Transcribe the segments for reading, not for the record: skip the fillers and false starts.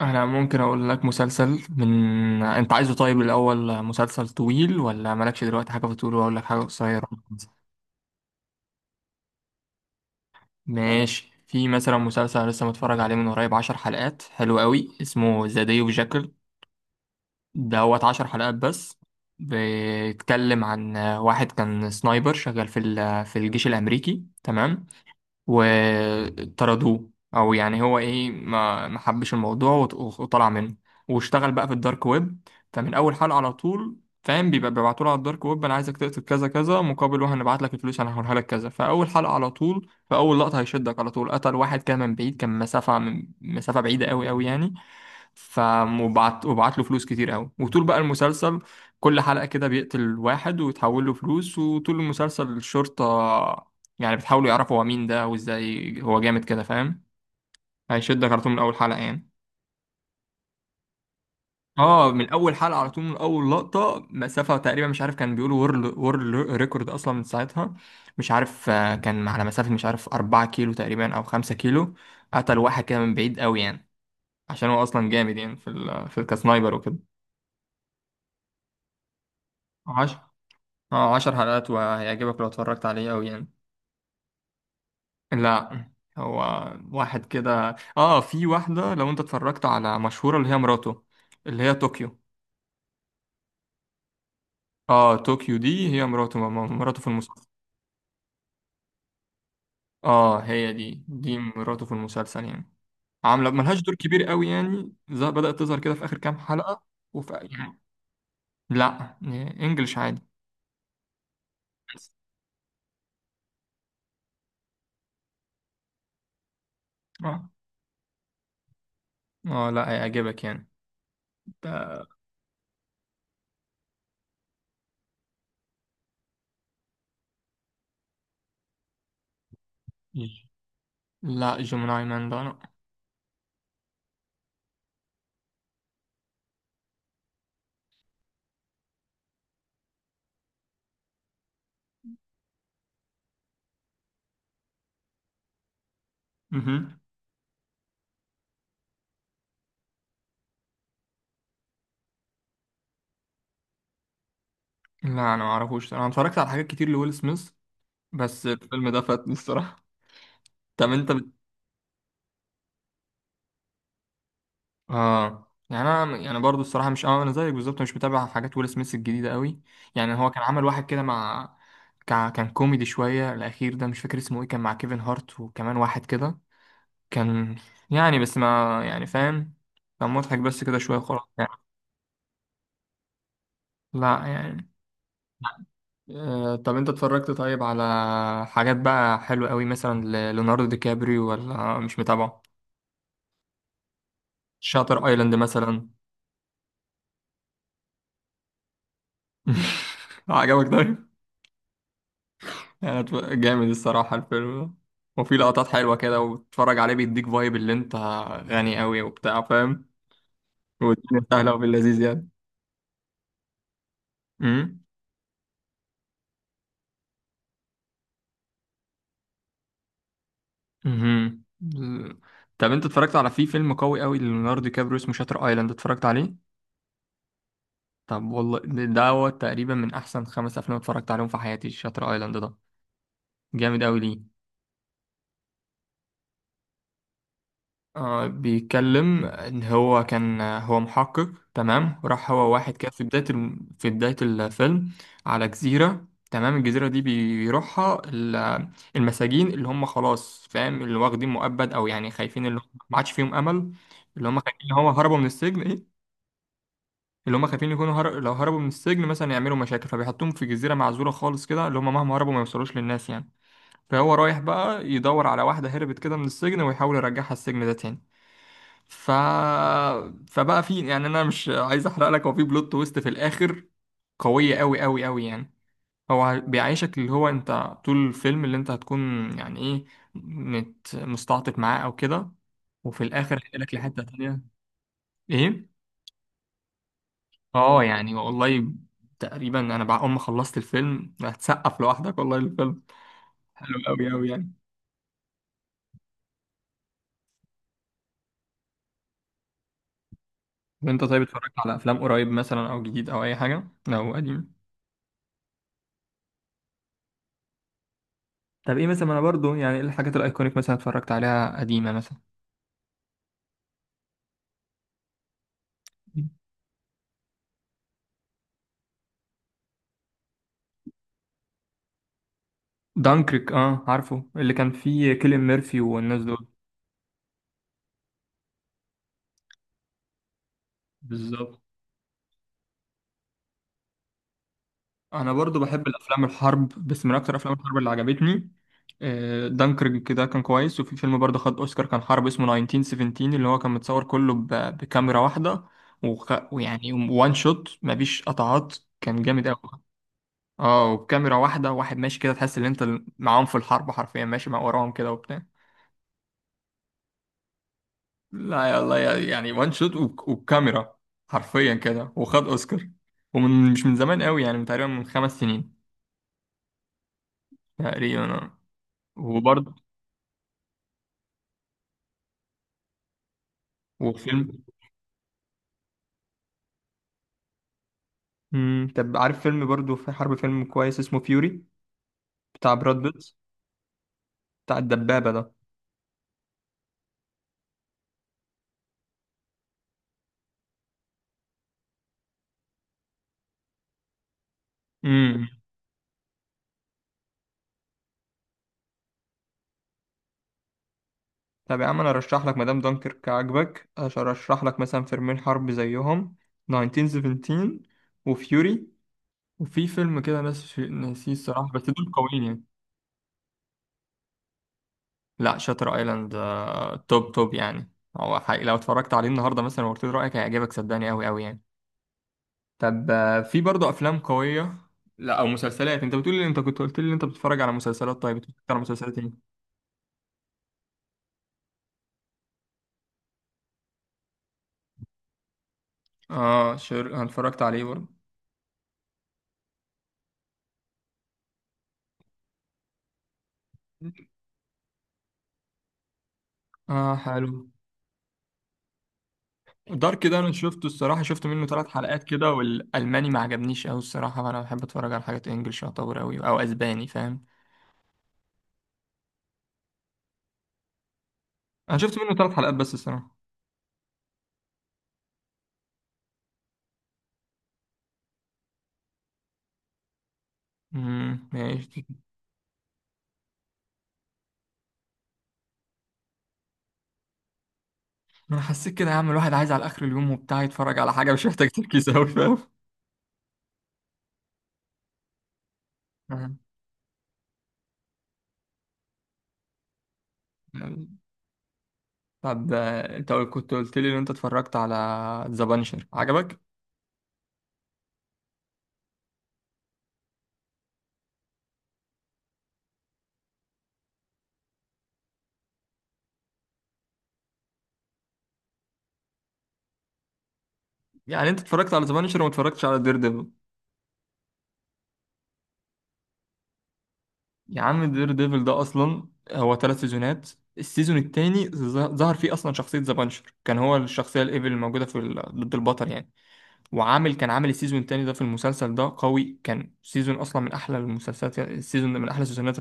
انا ممكن اقول لك مسلسل. من انت عايزه؟ طيب الاول، مسلسل طويل ولا مالكش دلوقتي حاجه في الطول واقول لك حاجه قصيره؟ ماشي، في مثلا مسلسل لسه متفرج عليه من قريب، 10 حلقات، حلو قوي، اسمه ذا داي اوف جاكل دوت. 10 حلقات بس. بيتكلم عن واحد كان سنايبر شغال في الجيش الامريكي، تمام؟ وطردوه، او يعني هو ايه، ما حبش الموضوع وطلع منه واشتغل بقى في الدارك ويب. فمن اول حلقة على طول، فاهم، بيبقى بيبعتوا له على الدارك ويب، انا عايزك تقتل كذا كذا مقابل وهنبعت لك الفلوس، هنحولها لك كذا. فاول حلقة على طول، فاول لقطة هيشدك على طول. قتل واحد كان من بعيد، كان مسافة، من مسافة بعيدة قوي قوي يعني. فمبعت وبعت وبعت له فلوس كتير قوي، وطول بقى المسلسل كل حلقة كده بيقتل واحد ويتحول له فلوس. وطول المسلسل الشرطة يعني بتحاولوا يعرفوا هو مين ده، وازاي هو جامد كده، فاهم؟ هيشدك على طول من اول حلقة يعني. اه، من اول حلقة على طول، من اول لقطة، مسافة تقريبا مش عارف، كان بيقولوا وورلد ريكورد اصلا من ساعتها. مش عارف، آه، كان على مسافة مش عارف 4 كيلو تقريبا او 5 كيلو، قتل واحد كده من بعيد قوي يعني. عشان هو اصلا جامد يعني في ال الكسنايبر وكده. 10، اه، 10 حلقات وهيعجبك لو اتفرجت عليه قوي يعني. لا، هو واحد كده. اه، في واحدة لو انت اتفرجت على مشهورة، اللي هي مراته، اللي هي طوكيو. اه، طوكيو دي هي مراته، مراته في المسلسل. اه، هي دي، مراته في المسلسل يعني. عاملة ملهاش دور كبير قوي يعني، بدأت تظهر كده في آخر كام حلقة. وفي يعني. لا، انجلش عادي. اه. اه، لا هيعجبك يعني. ده-. لا، جيميناي مان ده لا. مهم. لا، انا ما اعرفوش. انا اتفرجت على حاجات كتير لويل سميث بس الفيلم ده فاتني الصراحة. طب انت بت... اه، يعني انا يعني برضو الصراحه، مش اه، انا زيك بالظبط، مش متابع حاجات ويل سميث الجديده قوي. يعني هو كان عمل واحد كده مع. كان كوميدي شويه الاخير ده، مش فاكر اسمه ايه، كان مع كيفن هارت وكمان واحد كده. كان، يعني بس ما يعني، فاهم؟ كان مضحك بس كده شويه خلاص يعني. لا يعني. آه، طب انت اتفرجت طيب على حاجات بقى حلوه قوي، مثلا ليوناردو دي كابريو، ولا مش متابعه؟ شاتر ايلاند مثلا. عجبك ده؟ يعني جامد الصراحة الفيلم ده. وفي لقطات حلوة كده، وتتفرج عليه بيديك فايب اللي انت غني قوي وبتاع، فاهم؟ والدنيا سهلة وفي اللذيذ يعني. امم. امم. طب انت اتفرجت على، في فيلم قوي قوي ليوناردو دي كابريو اسمه شاتر ايلاند، اتفرجت عليه؟ طب والله ده، ده هو تقريبا من احسن 5 افلام اتفرجت عليهم في حياتي، شاتر ايلاند ده، جامد قوي. ليه؟ آه، بيتكلم ان هو كان هو محقق، تمام؟ وراح هو واحد كده في بداية في بداية الفيلم على جزيرة، تمام؟ الجزيرة دي بيروحها ال- المساجين اللي هم خلاص، فاهم، اللي واخدين مؤبد، او يعني خايفين، اللي هم ما عادش فيهم امل. اللي هم خايفين ان هو هربوا من السجن ايه. اللي هم خايفين يكونوا لو هربوا من السجن مثلا يعملوا مشاكل، فبيحطوهم في جزيرة معزولة خالص كده، اللي هم مهما هربوا ما يوصلوش للناس يعني. فهو رايح بقى يدور على واحدة هربت كده من السجن، ويحاول يرجعها السجن ده تاني. ف. فبقى في يعني، انا مش عايز احرق لك، هو في بلوت تويست في الاخر، قويه قوي قوي قوي يعني. هو بيعيشك اللي هو انت طول الفيلم، اللي انت هتكون يعني ايه، مستعطف معاه او كده، وفي الاخر هينقلك لحته تانية. ايه. اه، يعني والله تقريبا انا بعد ما خلصت الفيلم هتسقف لوحدك، والله الفيلم حلو قوي قوي يعني. وانت طيب، اتفرجت على افلام قريب مثلا، او جديد، او اي حاجه، او قديم؟ طب ايه مثلا، انا برضو يعني، ايه الحاجات الايكونيك مثلا اتفرجت عليها قديمه مثلا؟ دانكريك، اه عارفه، اللي كان فيه كيليان ميرفي والناس دول. بالظبط. انا برضو بحب الافلام الحرب، بس من اكتر افلام الحرب اللي عجبتني، آه، دانكريك كده كان كويس. وفي فيلم برضه خد اوسكار، كان حرب، اسمه 1917، اللي هو كان متصور كله بكاميرا واحدة، ويعني وان شوت، مفيش قطعات، كان جامد قوي. اه، وبكاميرا واحدة، واحد ماشي كده، تحس ان انت معاهم في الحرب حرفيا، ماشي مع وراهم كده وبتاع. لا يا الله، يعني وان شوت والكاميرا حرفيا كده، وخد اوسكار. ومن مش من زمان قوي يعني، من تقريبا من 5 سنين تقريبا، آه. وبرضه، وفيلم. مم. طب عارف فيلم برضه في حرب، فيلم كويس اسمه فيوري، بتاع براد بيت، بتاع الدبابة ده. امم. طب يا عم، انا ارشح لك مدام دانكيرك عجبك، ارشح لك مثلا فيلمين حرب زيهم، 1917 وفيوري. وفي فيلم كده ناس، ناسيه الصراحة، بس دول قويين يعني. لا شاتر ايلاند، آه، توب توب يعني، هو حقيقي لو اتفرجت عليه النهارده مثلا وقلت له رايك، هيعجبك صدقني قوي قوي يعني. طب آه، في برضه افلام قويه. لا، او مسلسلات، انت بتقول لي، انت كنت قلت لي انت بتتفرج على مسلسلات، طيب بتتفرج على مسلسلات ايه؟ اه، شر. انا اتفرجت عليه برضه. اه حلو. دارك ده انا شفته الصراحه، شفت منه 3 حلقات كده، والالماني ما عجبنيش قوي الصراحه، فانا بحب اتفرج على حاجات انجلش، يعتبر قوي او اسباني، فاهم. انا شفت منه ثلاث حلقات بس الصراحه. امم، ماشي. ما انا حسيت كده يا عم، الواحد عايز على اخر اليوم وبتاع يتفرج على حاجه مش محتاج تركيز قوي، فاهم؟ أها. طب آه، انت كنت قلت لي ان انت اتفرجت على ذا بانشر، عجبك؟ يعني انت اتفرجت على ذا بانشر وما اتفرجتش على دير ديفل؟ يا عم دير ديفل ده اصلا هو 3 سيزونات. السيزون الثاني ظهر فيه اصلا شخصيه ذا بانشر، كان هو الشخصيه الايفل الموجوده ضد البطل يعني. وعامل، كان عامل السيزون الثاني ده في المسلسل ده قوي، كان سيزون اصلا من احلى المسلسلات، السيزون ده من احلى السيزونات.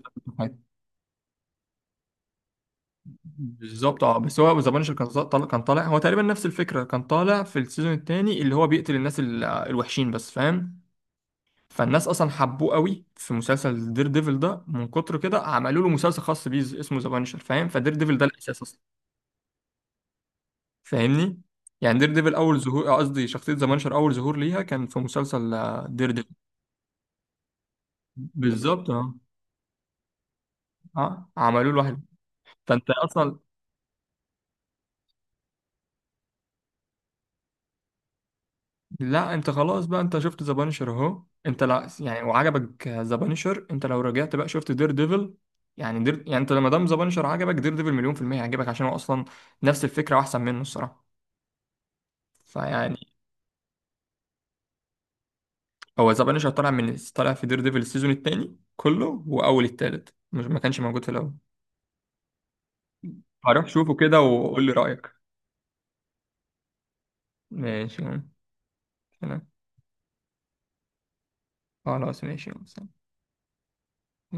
بالظبط. اه، بس هو زبانشر كان طالع، كان طالع هو تقريبا نفس الفكره، كان طالع في السيزون الثاني اللي هو بيقتل الناس ال- الوحشين بس، فاهم. فالناس اصلا حبوه قوي في مسلسل دير ديفل ده، من كتر كده عملوا له مسلسل خاص بيه، اسمه زبانشر، فاهم؟ فدير ديفل ده الاساس اصلا، فاهمني؟ يعني دير ديفل اول ظهور، آه، قصدي شخصيه زبانشر اول ظهور ليها كان في مسلسل، آه، دير ديفل. بالظبط. اه. اه، عملوا له واحد. فانت اصلا. لا، انت خلاص بقى، انت شفت ذا بانشر اهو، انت لا يعني وعجبك ذا بانشر، انت لو رجعت بقى شفت دير ديفل. يعني دير، يعني انت لما دام ذا بانشر عجبك، دير ديفل مليون في المية هيعجبك، عشان هو اصلا نفس الفكرة واحسن منه الصراحة. فيعني. هو ذا بانشر طالع من، طالع في دير ديفل السيزون التاني كله واول التالت، مش ما كانش موجود في الاول. هروح شوفه كده وقول لي رأيك. ماشي. تمام. خلاص ماشي، سلام.